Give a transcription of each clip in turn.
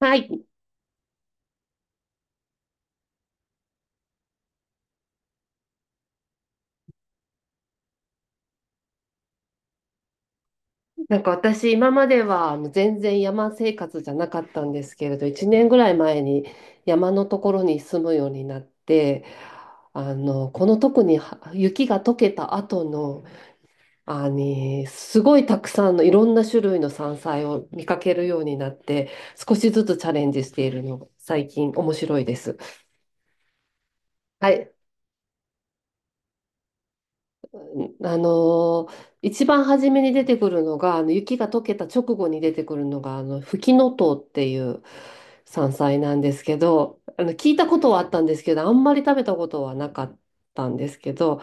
はい。なんか私、今までは全然山生活じゃなかったんですけれど、1年ぐらい前に山のところに住むようになって、この特には雪が溶けた後の、すごいたくさんのいろんな種類の山菜を見かけるようになって、少しずつチャレンジしているのが最近面白いです。はい。一番初めに出てくるのが、雪が溶けた直後に出てくるのが、フキノトウっていう山菜なんですけど、聞いたことはあったんですけど、あんまり食べたことはなかったんですけど、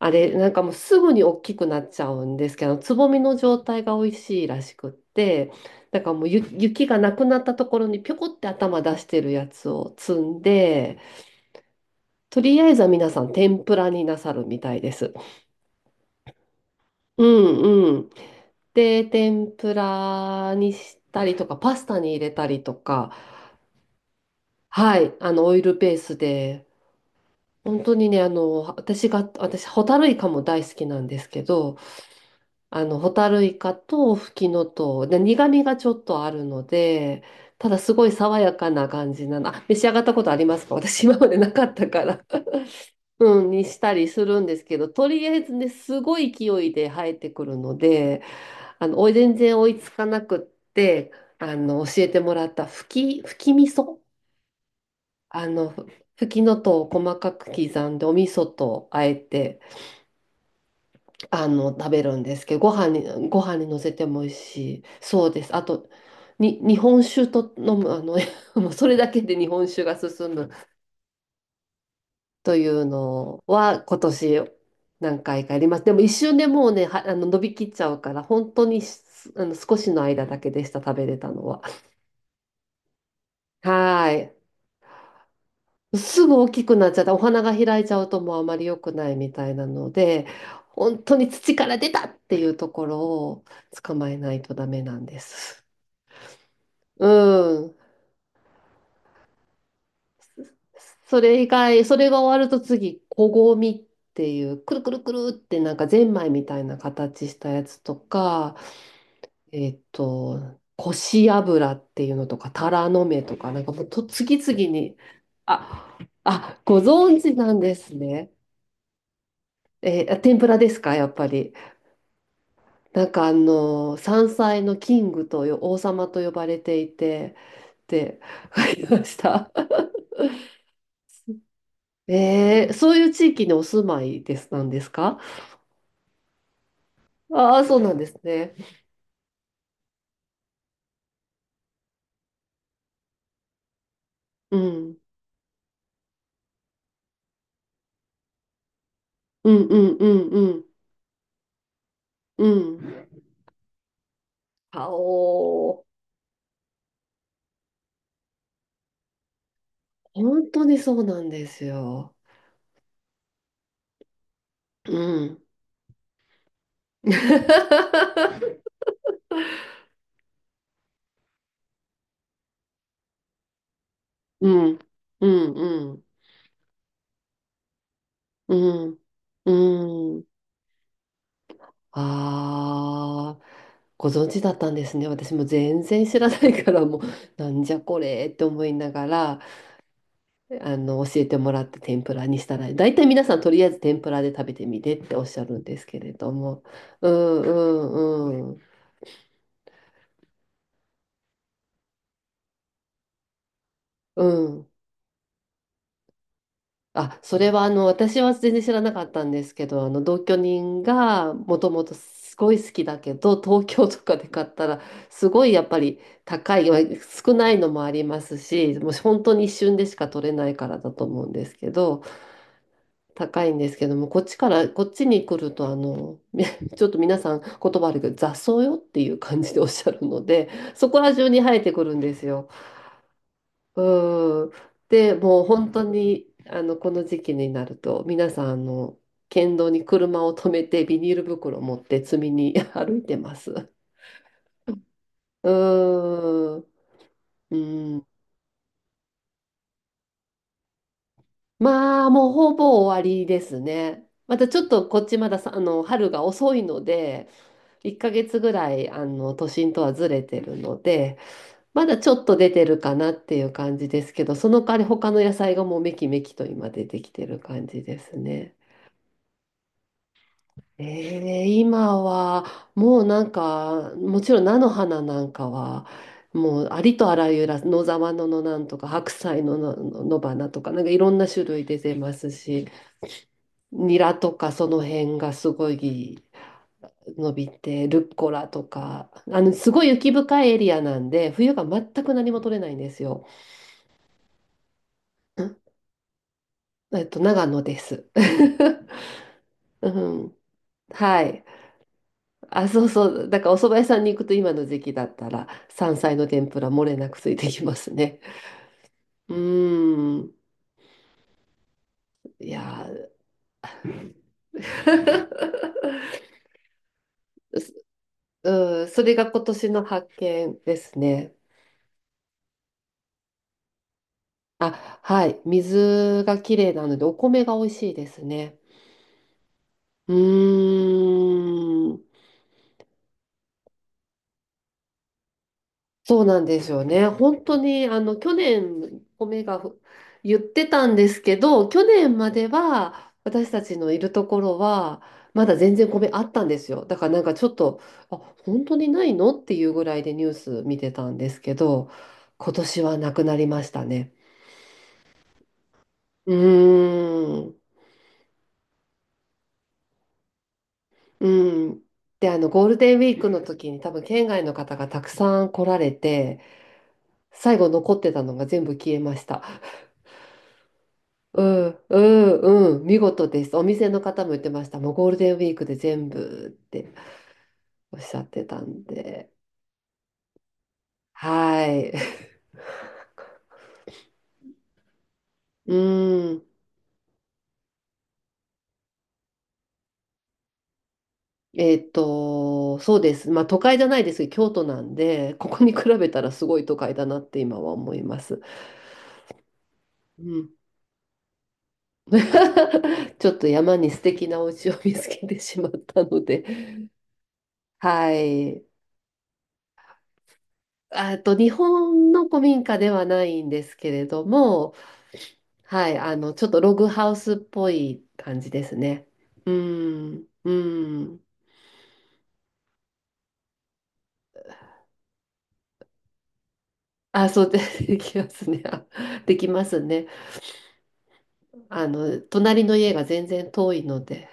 あれ、なんかもうすぐに大きくなっちゃうんですけど、つぼみの状態が美味しいらしくって、だからもう雪がなくなったところにぴょこって頭出してるやつを摘んで、とりあえずは皆さん天ぷらになさるみたいです。うんうん。で、天ぷらにしたりとか、パスタに入れたりとか、はい、オイルベースで、本当にね、私、ホタルイカも大好きなんですけど、ホタルイカとフキノトウで、苦味がちょっとあるので、ただすごい爽やかな感じなの。あ、召し上がったことありますか？私今までなかったから。うん、にしたりするんですけど、とりあえずね、すごい勢いで生えてくるので、全然追いつかなくって、教えてもらった吹き味噌。あの、吹きのとを細かく刻んで、お味噌とあえて、食べるんですけど、ご飯に乗せても美味しい。そうです。あと、に、日本酒と飲む、もうそれだけで日本酒が進むというのは、今年何回かやります。でも一瞬でもうね、は、あの、伸びきっちゃうから、本当にしあの、少しの間だけでした、食べれたのは。はーい。すぐ大きくなっちゃって、お花が開いちゃうともうあまり良くないみたいなので、本当に土から出たっていうところを捕まえないとダメなんです。うん。それが終わると次、こごみっていう、くるくるくるってなんかゼンマイみたいな形したやつとか、えっと、こし油っていうのとか、タラの芽とか、なんかもうと次々に、あ、あ、ご存知なんですね。天ぷらですか、やっぱり。なんか山菜のキングと王様と呼ばれていてって書きました。そういう地域にお住まいですなんですか？ああー、そうなんですね。うん。うんうんうんうんうん。あおー、本当にそうなんですよ。うん。うんうんうんうんうん。ああ、ご存知だったんですね。私も全然知らないから、もう、なんじゃこれって思いながら、教えてもらって天ぷらにしたら、大体皆さんとりあえず天ぷらで食べてみてっておっしゃるんですけれども。うんうんうん。うんあ、それは私は全然知らなかったんですけど、同居人がもともとすごい好きだけど、東京とかで買ったらすごいやっぱり高い、まあ少ないのもありますし、もう本当に一瞬でしか取れないからだと思うんですけど、高いんですけども、こっちに来るとちょっと皆さん言葉悪いけど、雑草よっていう感じでおっしゃるので、そこら中に生えてくるんですよ。うん。で、もう本当に、この時期になると、皆さん、県道に車を止めて、ビニール袋を持って積みに 歩いてます。うーん。うん。まあ、もうほぼ終わりですね。またちょっとこっちまださ、あの、春が遅いので、1ヶ月ぐらい、都心とはずれてるので、まだちょっと出てるかなっていう感じですけど、その代わり他の野菜がもうめきめきと今出てきてる感じですね。今はもうなんかもちろん菜の花なんかはもうありとあらゆる野沢菜のなんとか白菜のの野花とかなんかいろんな種類出てますしニラとかその辺がすごい伸びてルッコラとかすごい雪深いエリアなんで冬が全く何も取れないんですよ。んえっと長野です。うん、はいあ、そうそう。だからお蕎麦屋さんに行くと今の時期だったら山菜の天ぷら漏れなくついてきますね。うーん。いやー すうん、それが今年の発見ですね。あ、はい。水がきれいなのでお米が美味しいですね。うーん。そうなんですよね。本当に、あの、去年、米がふ言ってたんですけど、去年までは、私たちのいるところは、まだ全然米あったんですよ。だからなんかちょっと、あ、本当にないのっていうぐらいでニュース見てたんですけど、今年はなくなりましたね。うーん、うん。で、ゴールデンウィークの時に多分県外の方がたくさん来られて、最後残ってたのが全部消えました。うん、うん、うん、見事です。お店の方も言ってました。もうゴールデンウィークで全部っておっしゃってたんで。はい。うん。えっと、そうです。まあ都会じゃないですけど、京都なんで、ここに比べたらすごい都会だなって今は思います。うん。ちょっと山に素敵なお家を見つけてしまったので。はい。あと、日本の古民家ではないんですけれども、はい、ちょっとログハウスっぽい感じですね。うん、うん。あ、そうで、できますね。できますね。隣の家が全然遠いので、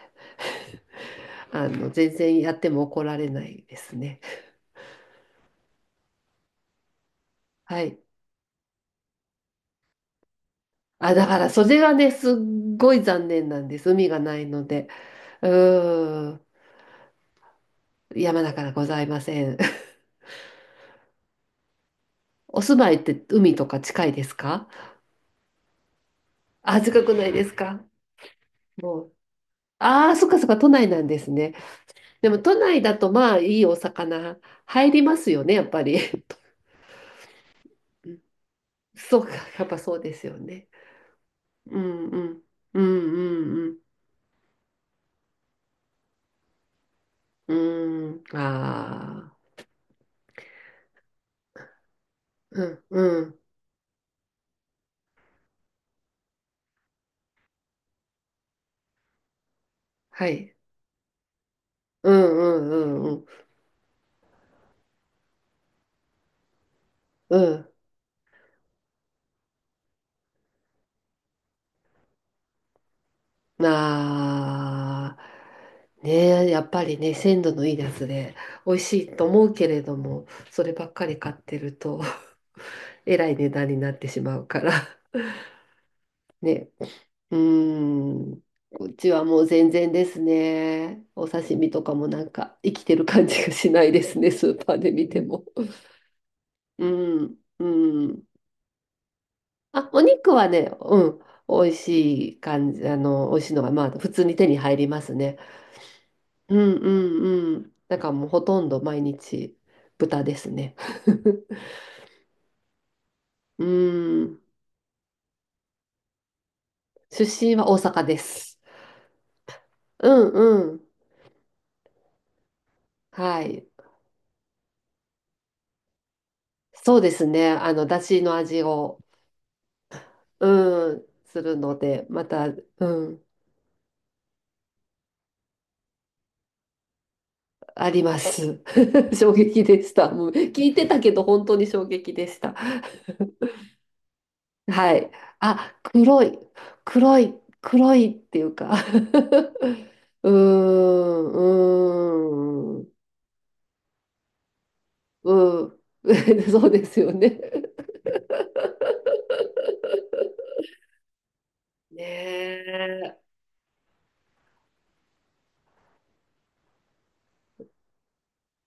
全然やっても怒られないですね。はい。あ、だから、それがね、すっごい残念なんです。海がないので。うーん。山だからございません。お住まいって海とか近いですか？あ、近くないですか？もう。ああ、そっかそっか、都内なんですね。でも都内だとまあいいお魚入りますよね、やっぱり。そうか、やっぱそうですよね。うんうん。うんうんうん。うん。ああ。うんうん。はい。うんうんうんうん。うん。ああ。ねえ、やっぱりね、鮮度のいいやつで美味しいと思うけれども、そればっかり買ってると、えらい値段になってしまうから。ね、うーん。こっちはもう全然ですね。お刺身とかもなんか生きてる感じがしないですね、スーパーで見ても。うん、うん。お肉はね、美味しい感じ、美味しいのが、まあ、普通に手に入りますね。うん、うん、うん。なんかもうほとんど毎日豚ですね。うん。出身は大阪です。うん、うん。はい。そうですね。だしの味をうん、するので、また、うん、あります。衝撃でした。もう聞いてたけど、本当に衝撃でした。はい。あ、黒い、黒い、黒いっていうか うーん、うーん、うん。そうですよね。ねえ。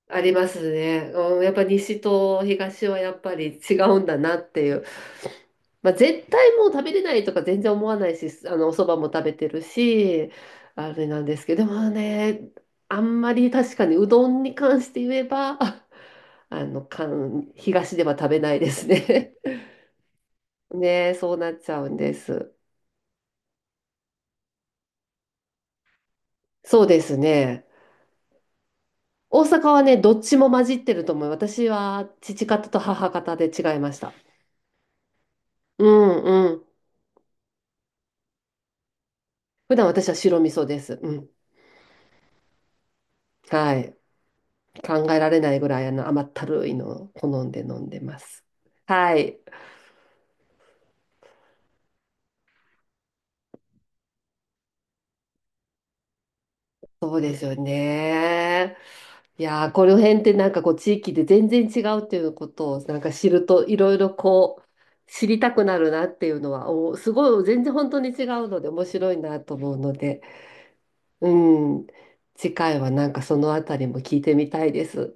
ありますね。うん、やっぱ西と東はやっぱり違うんだなっていう。まあ、絶対もう食べれないとか全然思わないし、お蕎麦も食べてるし、あれなんですけど、でもね、あんまり確かにうどんに関して言えば、関東では食べないですね。ね、そうなっちゃうんです。そうですね。大阪はね、どっちも混じってると思う。私は父方と母方で違いました。うんうん。普段私は白味噌です。うん。はい。考えられないぐらい甘ったるいのを好んで飲んでます。はい。そうですよね。いやー、この辺ってなんかこう地域で全然違うっていうことをなんか知るといろいろこう知りたくなるなっていうのはおすごい全然本当に違うので面白いなと思うので、うん。次回はなんかそのあたりも聞いてみたいです。